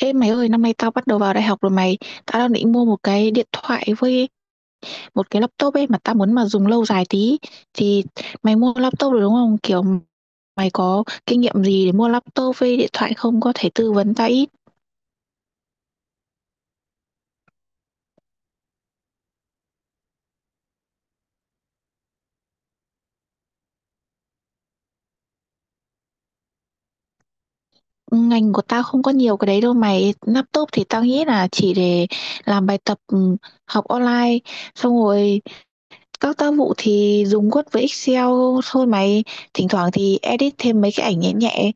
Ê mày ơi, năm nay tao bắt đầu vào đại học rồi mày. Tao đang định mua một cái điện thoại với một cái laptop ấy, mà tao muốn mà dùng lâu dài tí. Thì mày mua laptop rồi đúng không? Kiểu mày có kinh nghiệm gì để mua laptop với điện thoại không? Có thể tư vấn tao ít. Ngành của tao không có nhiều cái đấy đâu mày. Laptop thì tao nghĩ là chỉ để làm bài tập học online. Xong rồi, các tác vụ thì dùng Word với Excel thôi mày, thỉnh thoảng thì edit thêm mấy cái ảnh nhẹ nhẹ.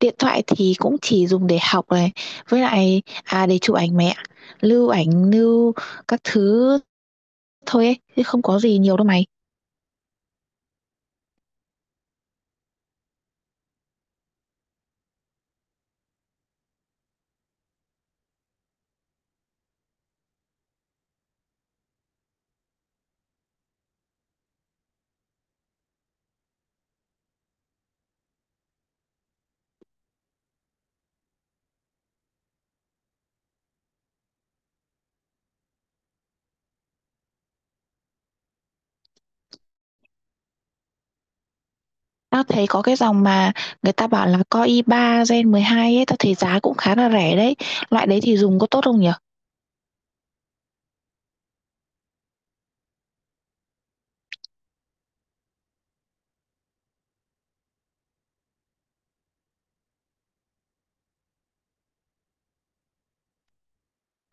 Điện thoại thì cũng chỉ dùng để học này, với lại để chụp ảnh mẹ, lưu ảnh, lưu các thứ thôi ấy, chứ không có gì nhiều đâu mày. Tao thấy có cái dòng mà người ta bảo là Core i3 Gen 12 ấy, tao thấy giá cũng khá là rẻ đấy. Loại đấy thì dùng có tốt không nhỉ?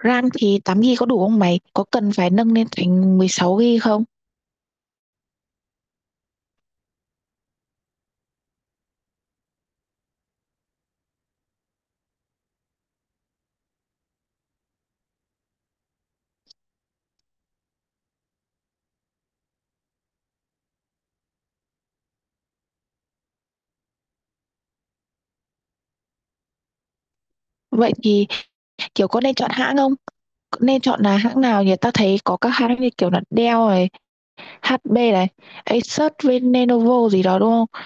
RAM thì 8 GB có đủ không mày? Có cần phải nâng lên thành 16 GB không? Vậy thì, kiểu, có nên chọn hãng không? Nên chọn là hãng nào nhỉ? Tao thấy có các hãng như kiểu là Dell này, HP này, Asus với Lenovo gì đó đúng không?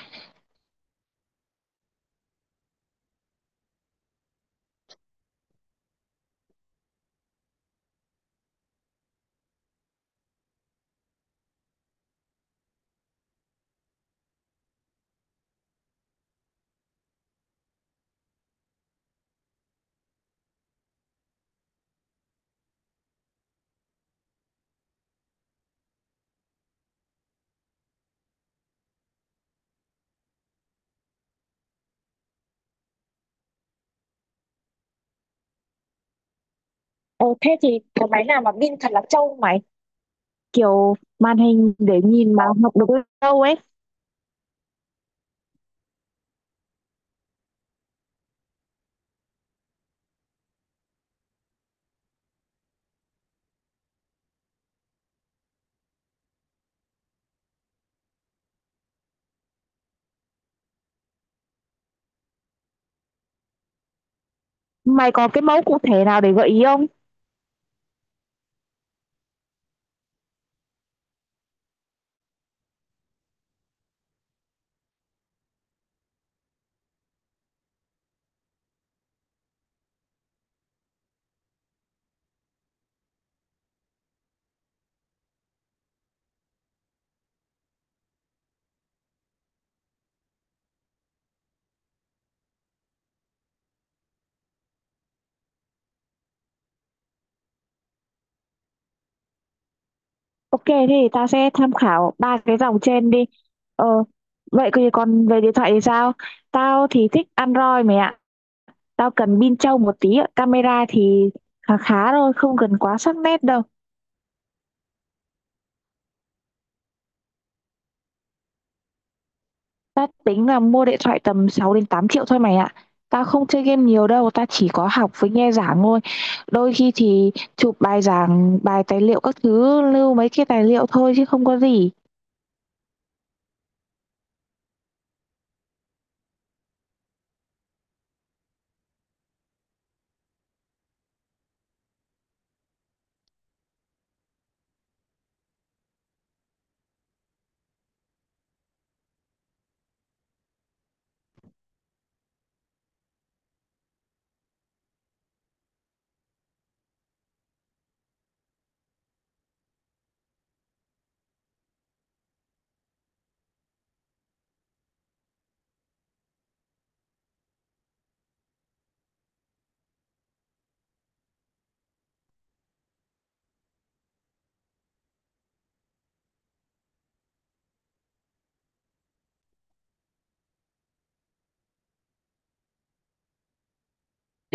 Ồ, thế thì cái máy nào mà pin thật là trâu mày, kiểu màn hình để nhìn mà học được lâu ấy, mày có cái mẫu cụ thể nào để gợi ý không? Ok, thì ta sẽ tham khảo ba cái dòng trên đi. Ờ, vậy thì còn về điện thoại thì sao? Tao thì thích Android mày ạ. Tao cần pin trâu một tí ạ. Camera thì khá khá thôi, không cần quá sắc nét đâu. Tao tính là mua điện thoại tầm 6 đến 8 triệu thôi mày ạ. Tao không chơi game nhiều đâu, tao chỉ có học với nghe giảng thôi. Đôi khi thì chụp bài giảng, bài tài liệu các thứ, lưu mấy cái tài liệu thôi chứ không có gì.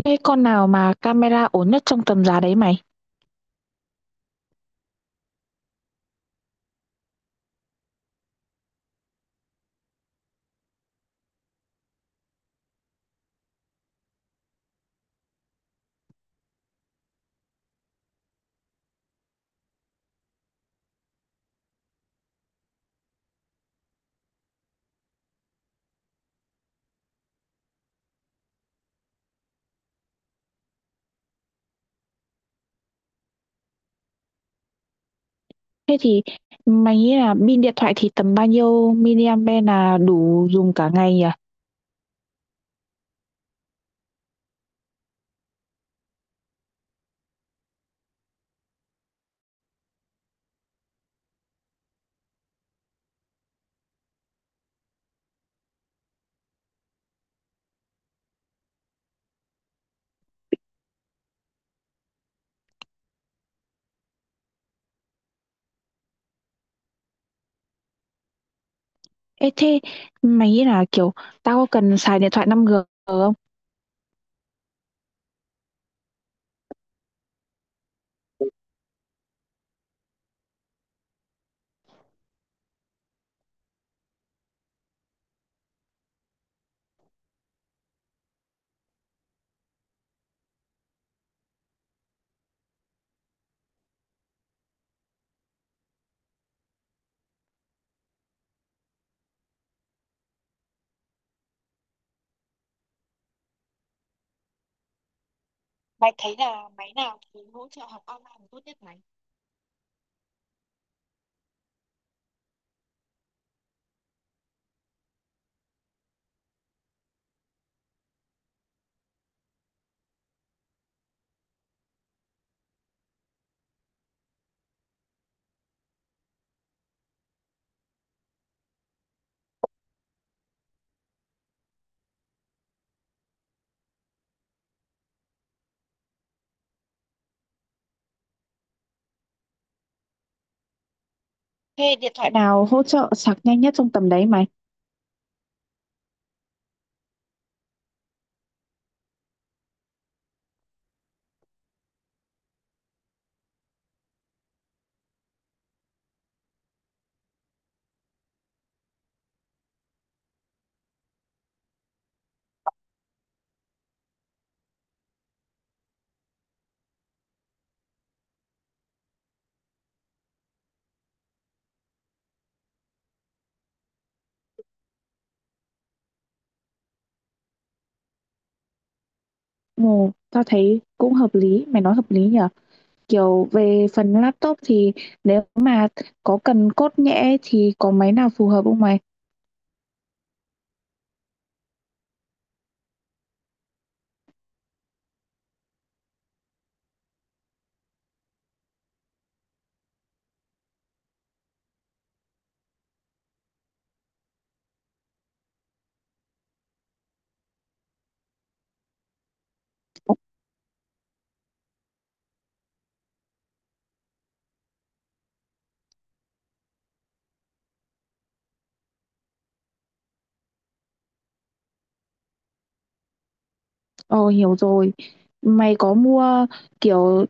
Thế con nào mà camera ổn nhất trong tầm giá đấy mày? Thế thì mày nghĩ là pin điện thoại thì tầm bao nhiêu miliampe là đủ dùng cả ngày nhỉ? Ê thế mày nghĩ là kiểu tao có cần xài điện thoại 5G không? Mày thấy là máy nào thì hỗ trợ học online tốt nhất mày? Thế điện thoại nào hỗ trợ sạc nhanh nhất trong tầm đấy mày? Ồ, tao thấy cũng hợp lý, mày nói hợp lý nhỉ? Kiểu về phần laptop thì nếu mà có cần cốt nhẽ thì có máy nào phù hợp không mày? Ờ, hiểu rồi. Mày có mua kiểu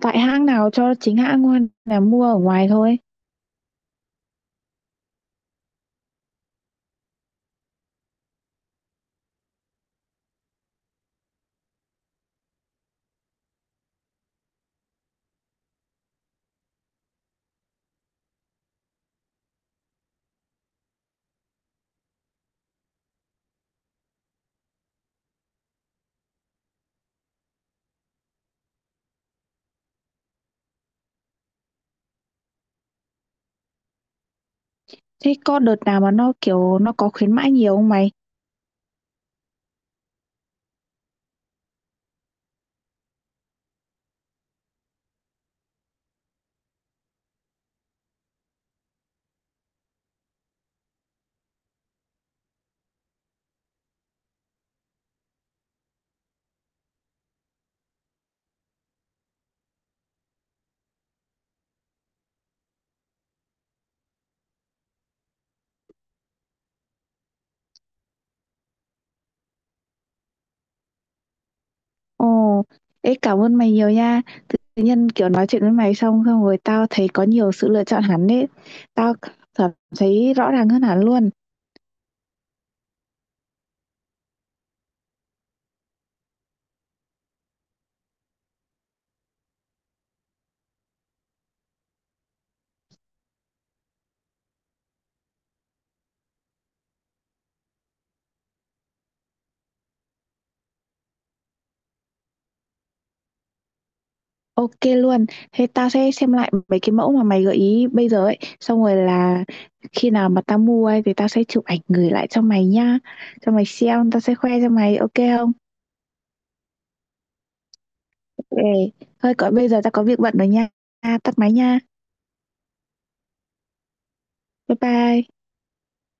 tại hãng nào cho chính hãng không, hay là mua ở ngoài thôi? Thế có đợt nào mà nó kiểu nó có khuyến mãi nhiều không mày? Ồ, ê cảm ơn mày nhiều nha. Tự nhiên kiểu nói chuyện với mày xong xong rồi tao thấy có nhiều sự lựa chọn hẳn đấy. Tao cảm thấy rõ ràng hơn hẳn luôn. Ok luôn. Thế tao sẽ xem lại mấy cái mẫu mà mày gợi ý bây giờ ấy. Xong rồi là khi nào mà tao mua ấy thì tao sẽ chụp ảnh gửi lại cho mày nha, cho mày xem, tao sẽ khoe cho mày. Ok không? Ok. Thôi còn bây giờ tao có việc bận rồi nha. Tắt máy nha. Bye bye.